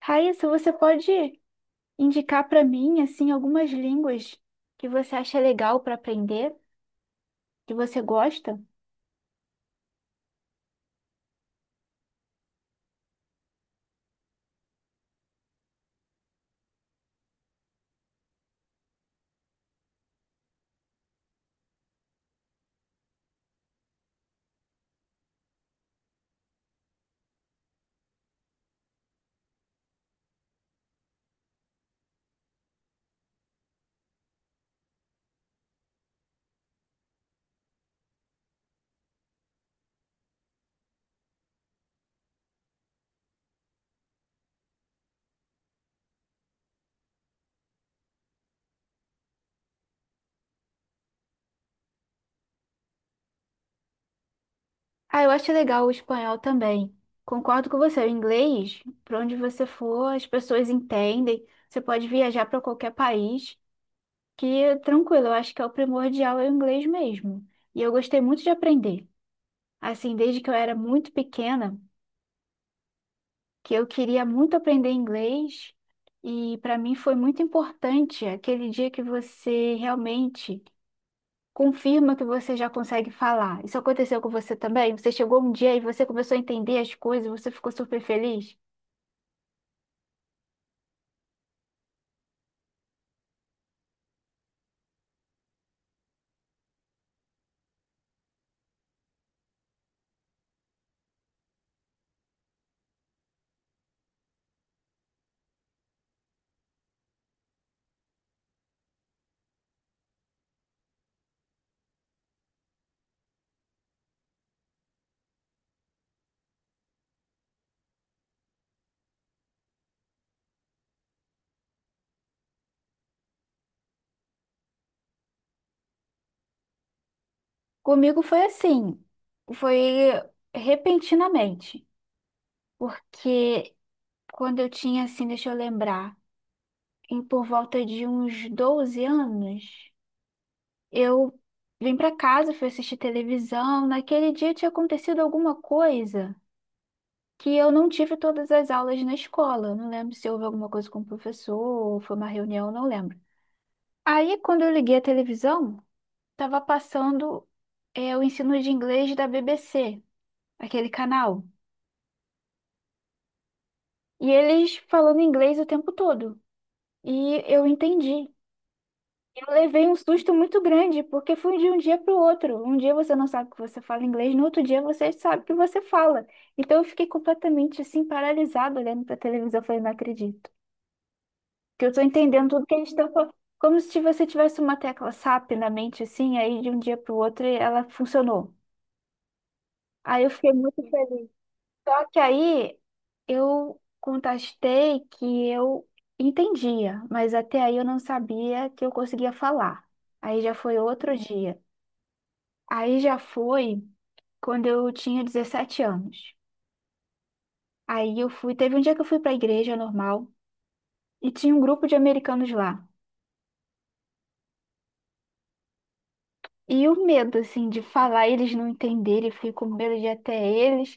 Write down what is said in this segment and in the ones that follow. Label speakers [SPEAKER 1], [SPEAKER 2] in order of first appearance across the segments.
[SPEAKER 1] Raíssa, você pode indicar para mim, assim, algumas línguas que você acha legal para aprender, que você gosta? Ah, eu acho legal o espanhol também. Concordo com você, o inglês, para onde você for, as pessoas entendem. Você pode viajar para qualquer país, que tranquilo, eu acho que é o primordial é o inglês mesmo. E eu gostei muito de aprender. Assim, desde que eu era muito pequena, que eu queria muito aprender inglês e para mim foi muito importante aquele dia que você realmente confirma que você já consegue falar. Isso aconteceu com você também? Você chegou um dia e você começou a entender as coisas, você ficou super feliz? Comigo foi assim, foi repentinamente, porque quando eu tinha assim, deixa eu lembrar, em por volta de uns 12 anos, eu vim para casa, fui assistir televisão. Naquele dia tinha acontecido alguma coisa que eu não tive todas as aulas na escola. Eu não lembro se houve alguma coisa com o professor, ou foi uma reunião, não lembro. Aí, quando eu liguei a televisão, estava passando o ensino de inglês da BBC, aquele canal. E eles falando inglês o tempo todo. E eu entendi. Eu levei um susto muito grande, porque foi de um dia para o outro. Um dia você não sabe que você fala inglês, no outro dia você sabe que você fala. Então eu fiquei completamente assim, paralisada, olhando para a televisão. Eu falei, não acredito. Que eu estou entendendo tudo que eles estão falando. Como se você tivesse uma tecla SAP na mente, assim, aí de um dia para o outro ela funcionou. Aí eu fiquei muito feliz. Só que aí eu contestei que eu entendia, mas até aí eu não sabia que eu conseguia falar. Aí já foi outro dia. Aí já foi quando eu tinha 17 anos. Aí eu fui, teve um dia que eu fui pra igreja normal e tinha um grupo de americanos lá. E o medo, assim, de falar, eles não entenderem, eu fiquei com medo de ir até eles.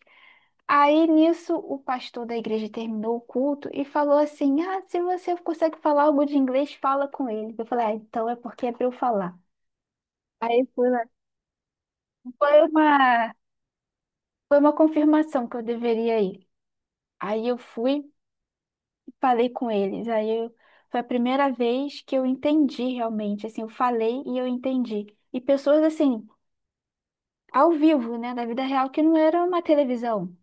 [SPEAKER 1] Aí nisso, o pastor da igreja terminou o culto e falou assim: Ah, se você consegue falar algo de inglês, fala com ele. Eu falei: Ah, então é porque é pra eu falar. Aí fui lá. Foi uma, Foi uma confirmação que eu deveria ir. Aí eu fui falei com eles. Foi a primeira vez que eu entendi realmente, assim, eu falei e eu entendi. E pessoas assim, ao vivo, né, da vida real, que não era uma televisão.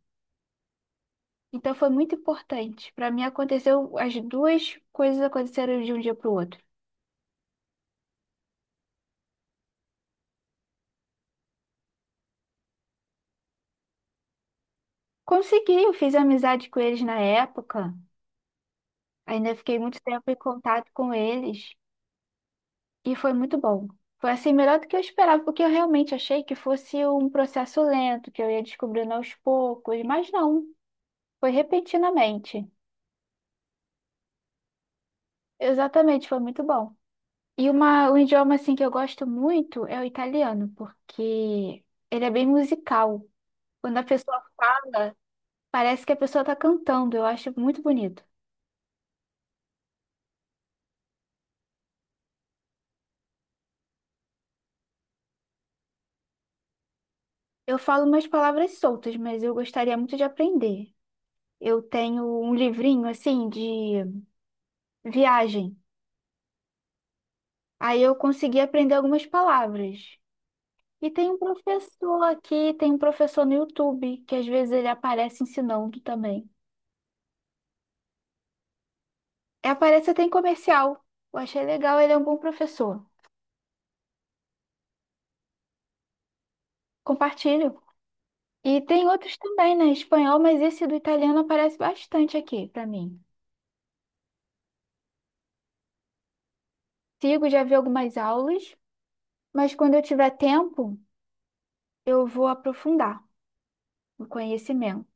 [SPEAKER 1] Então foi muito importante. Para mim aconteceu, as duas coisas aconteceram de um dia para o outro. Consegui, eu fiz amizade com eles na época. Ainda fiquei muito tempo em contato com eles e foi muito bom. Foi assim melhor do que eu esperava, porque eu realmente achei que fosse um processo lento, que eu ia descobrindo aos poucos, mas não. Foi repentinamente. Exatamente, foi muito bom. Um idioma assim que eu gosto muito é o italiano, porque ele é bem musical. Quando a pessoa fala, parece que a pessoa está cantando. Eu acho muito bonito. Eu falo umas palavras soltas, mas eu gostaria muito de aprender. Eu tenho um livrinho assim de viagem. Aí eu consegui aprender algumas palavras. E tem um professor aqui, tem um professor no YouTube, que às vezes ele aparece ensinando também. É, aparece até em comercial. Eu achei legal, ele é um bom professor. Compartilho. E tem outros também, né? Espanhol, mas esse do italiano aparece bastante aqui pra mim. Sigo, já vi algumas aulas, mas quando eu tiver tempo, eu vou aprofundar o conhecimento.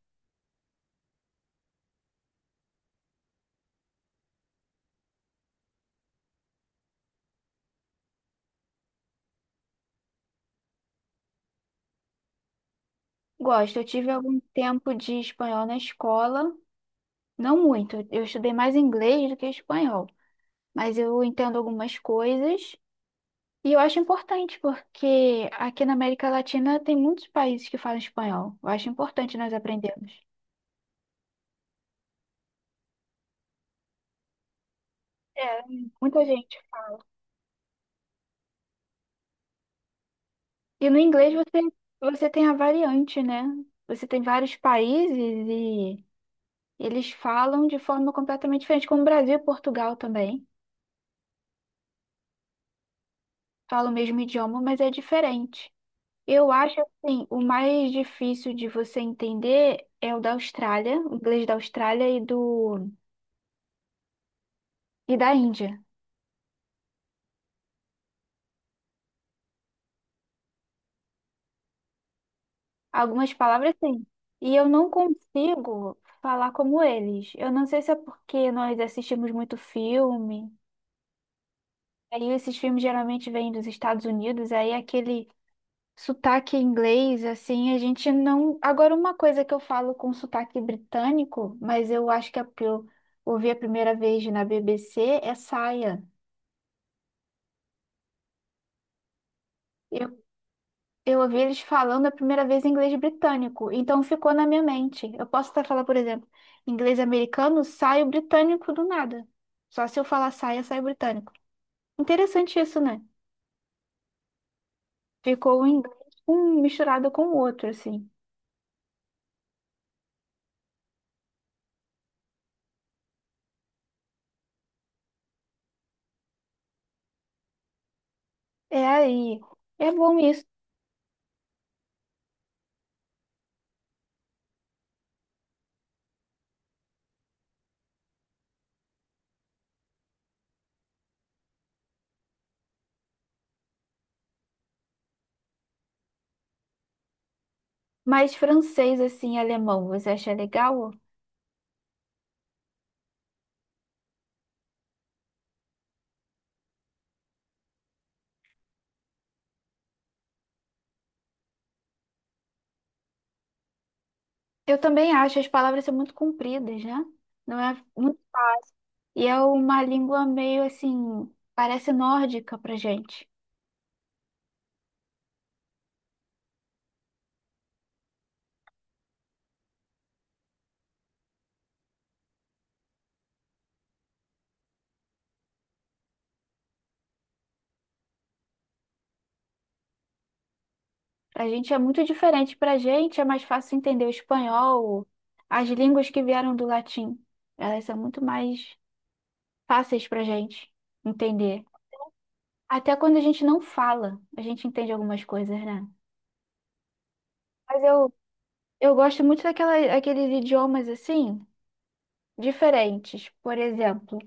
[SPEAKER 1] Gosto, eu tive algum tempo de espanhol na escola, não muito. Eu estudei mais inglês do que espanhol, mas eu entendo algumas coisas. E eu acho importante, porque aqui na América Latina tem muitos países que falam espanhol. Eu acho importante nós aprendermos. É, muita gente. E no inglês você tem a variante, né? Você tem vários países e eles falam de forma completamente diferente, como o Brasil e Portugal também. Falam o mesmo idioma, mas é diferente. Eu acho assim, o mais difícil de você entender é o da Austrália, o inglês da Austrália e da Índia. Algumas palavras sim. E eu não consigo falar como eles. Eu não sei se é porque nós assistimos muito filme. Aí esses filmes geralmente vêm dos Estados Unidos, aí aquele sotaque inglês, assim, a gente não. Agora, uma coisa que eu falo com sotaque britânico, mas eu acho que é porque eu ouvi a primeira vez na BBC, é saia. Eu ouvi eles falando a primeira vez em inglês britânico, então ficou na minha mente. Eu posso até falar, por exemplo, inglês americano, sai o britânico do nada. Só se eu falar saia, sai britânico. Interessante isso, né? Ficou um inglês misturado com o outro, assim. É aí. É bom isso. Mas francês, assim, e alemão, você acha legal? Eu também acho as palavras são muito compridas, né? Não é muito... E é uma língua meio assim, parece nórdica pra gente. A gente é muito diferente. Para a gente é mais fácil entender o espanhol, as línguas que vieram do latim. Elas são muito mais fáceis para a gente entender. Até quando a gente não fala, a gente entende algumas coisas, né? Mas eu gosto muito daqueles idiomas assim, diferentes. Por exemplo,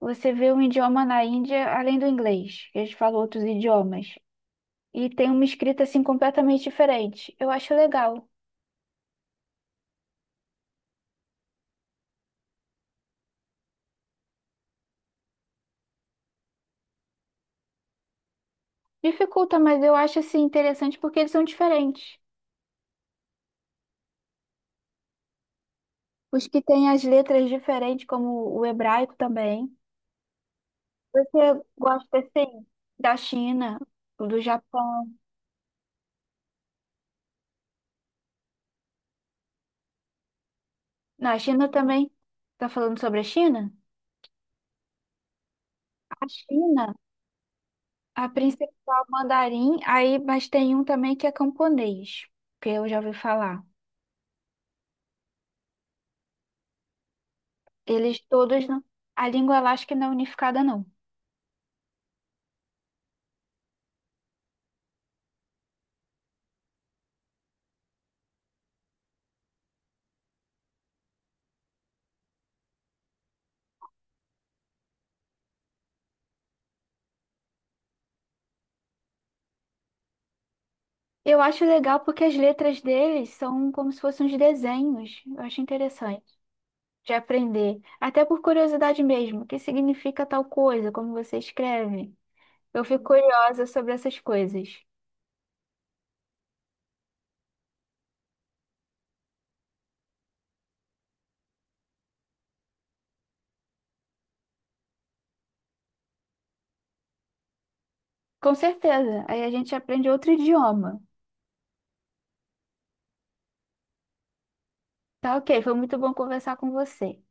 [SPEAKER 1] você vê um idioma na Índia além do inglês, eles falam outros idiomas. E tem uma escrita assim completamente diferente. Eu acho legal. Dificulta, mas eu acho assim interessante porque eles são diferentes. Os que têm as letras diferentes, como o hebraico também. Você gosta assim da China, do Japão? Na China também. Tá falando sobre a China? A China, a principal mandarim, aí, mas tem um também que é camponês, que eu já ouvi falar. Eles todos, não- A língua lá acho que não é unificada, não. Eu acho legal porque as letras deles são como se fossem uns desenhos. Eu acho interessante de aprender, até por curiosidade mesmo, o que significa tal coisa, como você escreve. Eu fico curiosa sobre essas coisas. Com certeza, aí a gente aprende outro idioma. Tá, ok, foi muito bom conversar com você.